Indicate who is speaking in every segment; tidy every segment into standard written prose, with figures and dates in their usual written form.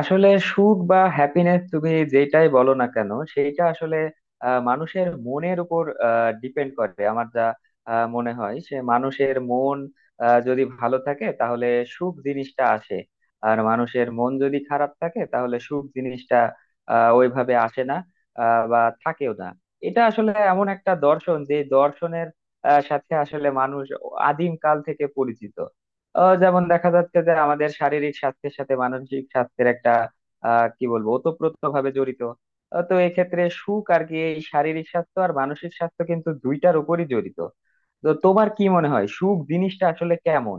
Speaker 1: আসলে সুখ বা হ্যাপিনেস তুমি যেটাই বলো না কেন সেইটা আসলে মানুষের মনের উপর ডিপেন্ড করে। আমার যা মনে হয়, সে মানুষের মন যদি ভালো থাকে তাহলে সুখ জিনিসটা আসে। আর মানুষের মন যদি খারাপ থাকে তাহলে সুখ জিনিসটা ওইভাবে আসে না বা থাকেও না। এটা আসলে এমন একটা দর্শন যে দর্শনের সাথে আসলে মানুষ আদিম কাল থেকে পরিচিত। যেমন দেখা যাচ্ছে যে আমাদের শারীরিক স্বাস্থ্যের সাথে মানসিক স্বাস্থ্যের একটা কি বলবো, ওতপ্রোত ভাবে জড়িত। তো এক্ষেত্রে সুখ আর কি, এই শারীরিক স্বাস্থ্য আর মানসিক স্বাস্থ্য কিন্তু দুইটার উপরই জড়িত। তো তোমার কি মনে হয় সুখ জিনিসটা আসলে কেমন?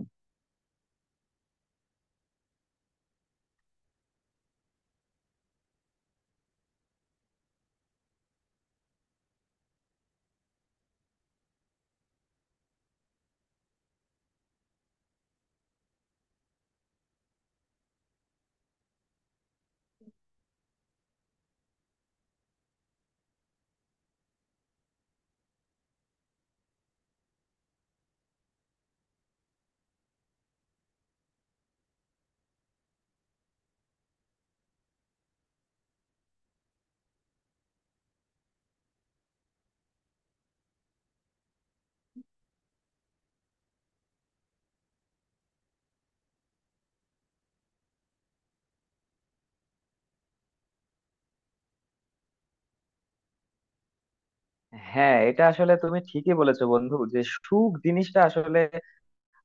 Speaker 1: হ্যাঁ, এটা আসলে তুমি ঠিকই বলেছো বন্ধু, যে সুখ জিনিসটা আসলে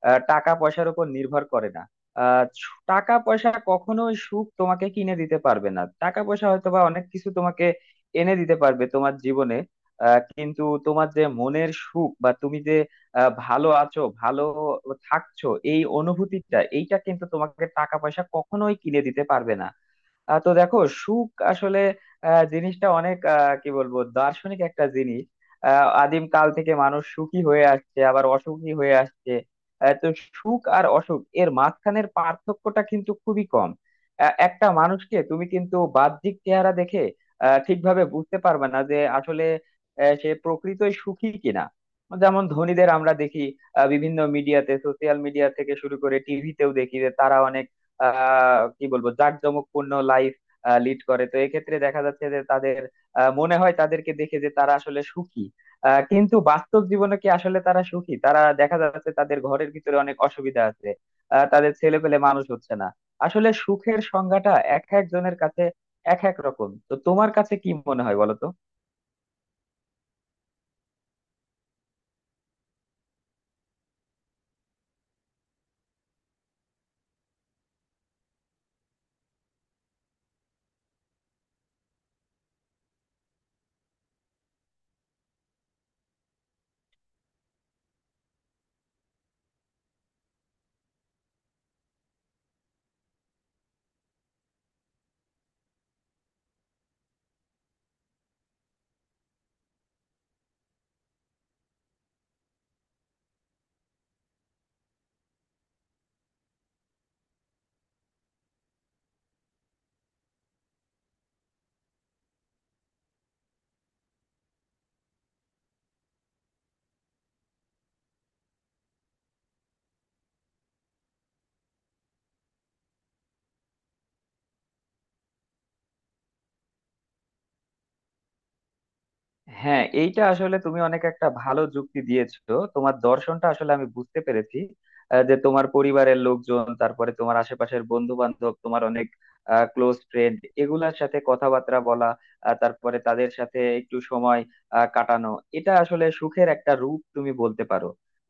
Speaker 1: টাকা পয়সার উপর নির্ভর করে না। টাকা পয়সা কখনোই সুখ তোমাকে কিনে দিতে পারবে না। টাকা পয়সা হয়তো বা অনেক কিছু তোমাকে এনে দিতে পারবে তোমার জীবনে, কিন্তু তোমার যে মনের সুখ বা তুমি যে ভালো আছো, ভালো থাকছো, এই অনুভূতিটা এইটা কিন্তু তোমাকে টাকা পয়সা কখনোই কিনে দিতে পারবে না। তো দেখো, সুখ আসলে জিনিসটা অনেক কি বলবো, দার্শনিক একটা জিনিস। আদিম কাল থেকে মানুষ সুখী হয়ে আসছে, আবার অসুখী হয়ে আসছে। তো সুখ আর অসুখ এর মাঝখানের পার্থক্যটা কিন্তু খুবই কম। একটা মানুষকে তুমি কিন্তু বাহ্যিক চেহারা দেখে ঠিকভাবে বুঝতে পারবে না যে আসলে সে প্রকৃতই সুখী কিনা। যেমন ধনীদের আমরা দেখি বিভিন্ন মিডিয়াতে, সোশ্যাল মিডিয়া থেকে শুরু করে টিভিতেও দেখি যে তারা অনেক কি বলবো, জাঁকজমকপূর্ণ লাইফ লিড করে। তো এক্ষেত্রে দেখা যাচ্ছে যে তাদের মনে হয়, তাদেরকে দেখে, যে তারা আসলে সুখী। কিন্তু বাস্তব জীবনে কি আসলে তারা সুখী? তারা দেখা যাচ্ছে তাদের ঘরের ভিতরে অনেক অসুবিধা আছে, তাদের ছেলে পেলে মানুষ হচ্ছে না। আসলে সুখের সংজ্ঞাটা এক একজনের কাছে এক এক রকম। তো তোমার কাছে কি মনে হয় বলো তো? হ্যাঁ, এইটা আসলে তুমি অনেক একটা ভালো যুক্তি দিয়েছো। তোমার দর্শনটা আসলে আমি বুঝতে পেরেছি, যে তোমার পরিবারের লোকজন, তারপরে তোমার আশেপাশের বন্ধু বান্ধব, তোমার অনেক ক্লোজ ফ্রেন্ড, এগুলার সাথে কথাবার্তা বলা, তারপরে তাদের সাথে একটু সময় কাটানো, এটা আসলে সুখের একটা রূপ তুমি বলতে পারো।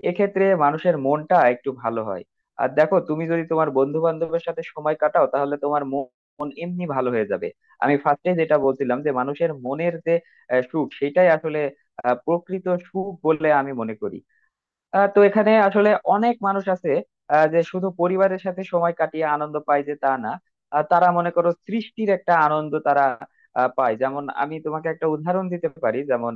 Speaker 1: এক্ষেত্রে মানুষের মনটা একটু ভালো হয়। আর দেখো, তুমি যদি তোমার বন্ধু বান্ধবের সাথে সময় কাটাও তাহলে তোমার মন এমনি ভালো হয়ে যাবে। আমি ফার্স্টে যেটা বলছিলাম, যে মানুষের মনের যে সুখ, সেটাই আসলে প্রকৃত সুখ বলে আমি মনে করি। তো এখানে আসলে অনেক মানুষ আছে যে শুধু পরিবারের সাথে সময় কাটিয়ে আনন্দ পায় যে তা না, তারা মনে করো সৃষ্টির একটা আনন্দ তারা পায়। যেমন আমি তোমাকে একটা উদাহরণ দিতে পারি, যেমন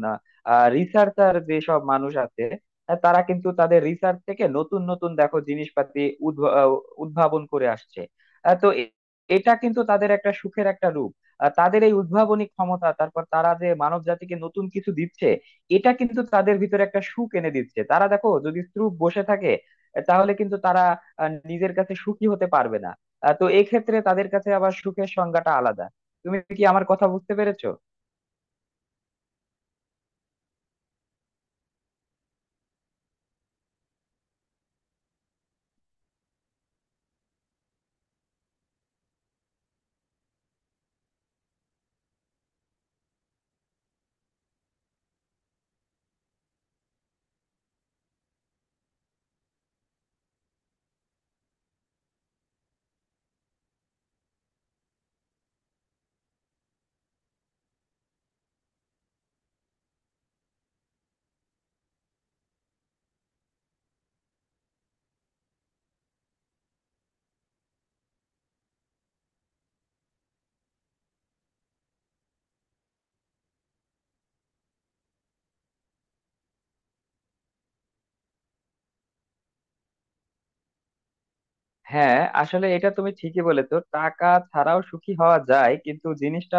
Speaker 1: রিসার্চার যেসব মানুষ আছে তারা কিন্তু তাদের রিসার্চ থেকে নতুন নতুন, দেখো, জিনিসপাতি উদ্ভ- আহ, উদ্ভাবন করে আসছে। আহ, তো এ- এটা কিন্তু তাদের একটা সুখের একটা রূপ। তাদের এই উদ্ভাবনী ক্ষমতা, তারপর তারা যে মানব জাতিকে নতুন কিছু দিচ্ছে, এটা কিন্তু তাদের ভিতরে একটা সুখ এনে দিচ্ছে। তারা দেখো, যদি স্ত্রূপ বসে থাকে তাহলে কিন্তু তারা নিজের কাছে সুখী হতে পারবে না। তো এক্ষেত্রে তাদের কাছে আবার সুখের সংজ্ঞাটা আলাদা। তুমি কি আমার কথা বুঝতে পেরেছো? হ্যাঁ, আসলে এটা তুমি ঠিকই বলেছো, টাকা ছাড়াও সুখী হওয়া যায়, কিন্তু জিনিসটা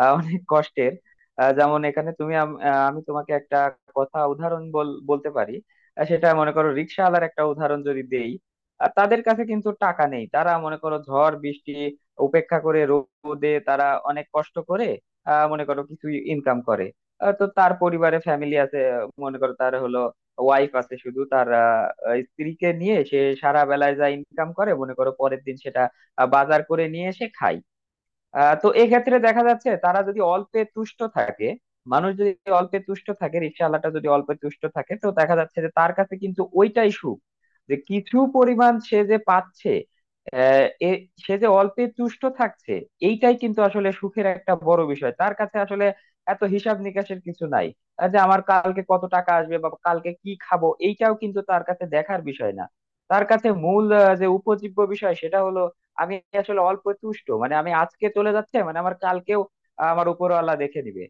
Speaker 1: অনেক কষ্টের। যেমন এখানে তুমি আমি তোমাকে একটা উদাহরণ বলতে পারি। সেটা মনে করো, রিক্সাওয়ালার একটা উদাহরণ যদি দেই, তাদের কাছে কিন্তু টাকা নেই। তারা মনে করো ঝড় বৃষ্টি উপেক্ষা করে রোদে তারা অনেক কষ্ট করে মনে করো কিছু ইনকাম করে। তো তার পরিবারে ফ্যামিলি আছে, মনে করো তার হলো ওয়াইফ আছে। শুধু তার স্ত্রীকে নিয়ে সে সারা বেলায় যা ইনকাম করে, মনে করো পরের দিন সেটা বাজার করে নিয়ে এসে খায়। তো এক্ষেত্রে দেখা যাচ্ছে, তারা যদি অল্পে তুষ্ট থাকে, মানুষ যদি অল্পে তুষ্ট থাকে, রিকশাওয়ালাটা যদি অল্পে তুষ্ট থাকে, তো দেখা যাচ্ছে যে তার কাছে কিন্তু ওইটাই সুখ। যে কিছু পরিমাণ সে যে পাচ্ছে, আহ, এ সে যে অল্পে তুষ্ট থাকছে, এইটাই কিন্তু আসলে সুখের একটা বড় বিষয়। তার কাছে আসলে এত হিসাব নিকাশের কিছু নাই, যে আমার কালকে কত টাকা আসবে বা কালকে কি খাবো, এইটাও কিন্তু তার কাছে দেখার বিষয় না। তার কাছে মূল যে উপজীব্য বিষয় সেটা হলো, আমি আসলে অল্প তুষ্ট, মানে আমি আজকে চলে যাচ্ছে, মানে আমার কালকেও আমার উপরওয়ালা দেখে দিবে।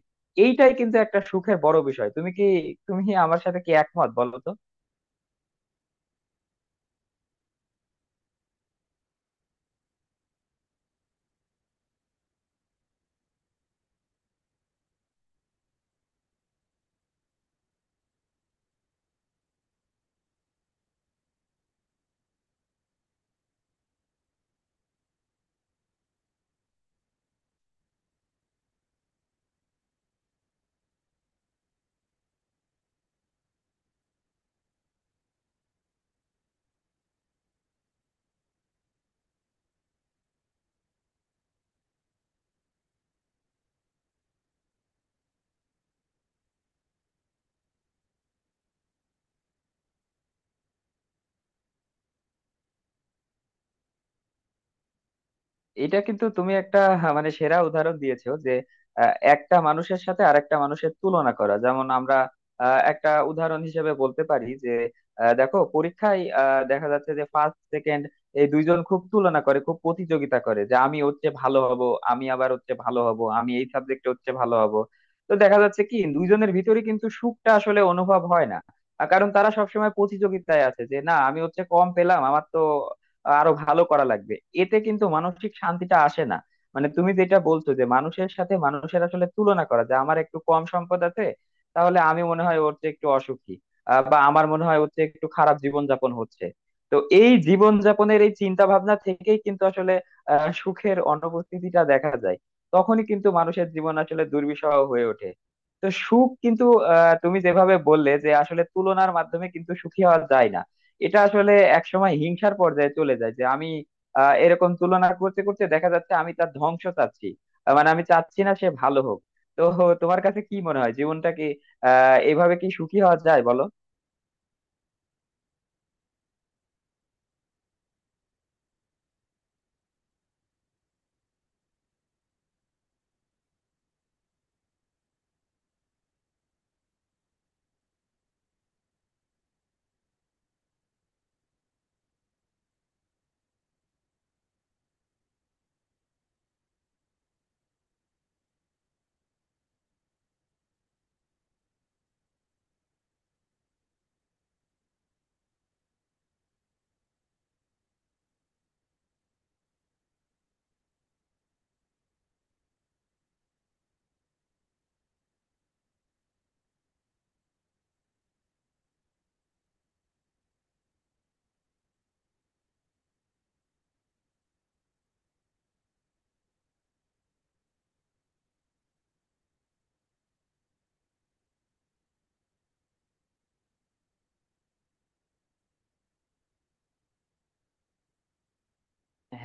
Speaker 1: এইটাই কিন্তু একটা সুখের বড় বিষয়। তুমি কি আমার সাথে কি একমত বলো তো? এটা কিন্তু তুমি একটা, হ্যাঁ, মানে সেরা উদাহরণ দিয়েছো, যে একটা মানুষের সাথে আরেকটা মানুষের তুলনা করা। যেমন আমরা একটা উদাহরণ হিসেবে বলতে পারি যে দেখো পরীক্ষায় দেখা যাচ্ছে যে ফার্স্ট সেকেন্ড এই দুইজন খুব তুলনা করে, খুব প্রতিযোগিতা করে, যে আমি হচ্ছে ভালো হব, আমি আবার হচ্ছে ভালো হব, আমি এই সাবজেক্টে হচ্ছে ভালো হব। তো দেখা যাচ্ছে কি, দুইজনের ভিতরে কিন্তু সুখটা আসলে অনুভব হয় না, কারণ তারা সবসময় প্রতিযোগিতায় আছে যে, না আমি হচ্ছে কম পেলাম, আমার তো আরো ভালো করা লাগবে। এতে কিন্তু মানসিক শান্তিটা আসে না। মানে তুমি যেটা বলছো, যে মানুষের সাথে মানুষের আসলে তুলনা করা, যে আমার একটু কম সম্পদ আছে, তাহলে আমি মনে হয় ওর চেয়ে একটু অসুখী, বা আমার মনে হয় ওর চেয়ে একটু খারাপ জীবনযাপন হচ্ছে। তো এই জীবনযাপনের এই চিন্তা ভাবনা থেকেই কিন্তু আসলে সুখের অনুপস্থিতিটা দেখা যায়। তখনই কিন্তু মানুষের জীবন আসলে দুর্বিষহ হয়ে ওঠে। তো সুখ কিন্তু তুমি যেভাবে বললে, যে আসলে তুলনার মাধ্যমে কিন্তু সুখী হওয়া যায় না। এটা আসলে একসময় হিংসার পর্যায়ে চলে যায়, যে আমি এরকম তুলনা করতে করতে দেখা যাচ্ছে আমি তার ধ্বংস চাচ্ছি, মানে আমি চাচ্ছি না সে ভালো হোক। তো তোমার কাছে কি মনে হয় জীবনটা কি এভাবে কি সুখী হওয়া যায় বলো?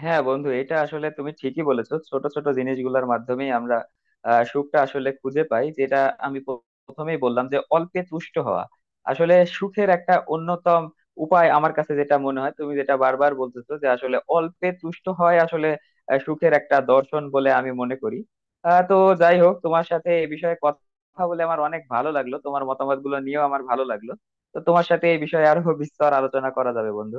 Speaker 1: হ্যাঁ বন্ধু, এটা আসলে তুমি ঠিকই বলেছো, ছোট ছোট জিনিসগুলোর মাধ্যমেই আমরা সুখটা আসলে খুঁজে পাই। যেটা আমি প্রথমেই বললাম, যে অল্পে তুষ্ট হওয়া আসলে সুখের একটা অন্যতম উপায় আমার কাছে যেটা মনে হয়। তুমি যেটা বারবার বলতেছো, যে আসলে অল্পে তুষ্ট হয় আসলে সুখের একটা দর্শন বলে আমি মনে করি। তো যাই হোক, তোমার সাথে এই বিষয়ে কথা বলে আমার অনেক ভালো লাগলো, তোমার মতামতগুলো নিয়েও আমার ভালো লাগলো। তো তোমার সাথে এই বিষয়ে আরো বিস্তর আলোচনা করা যাবে বন্ধু।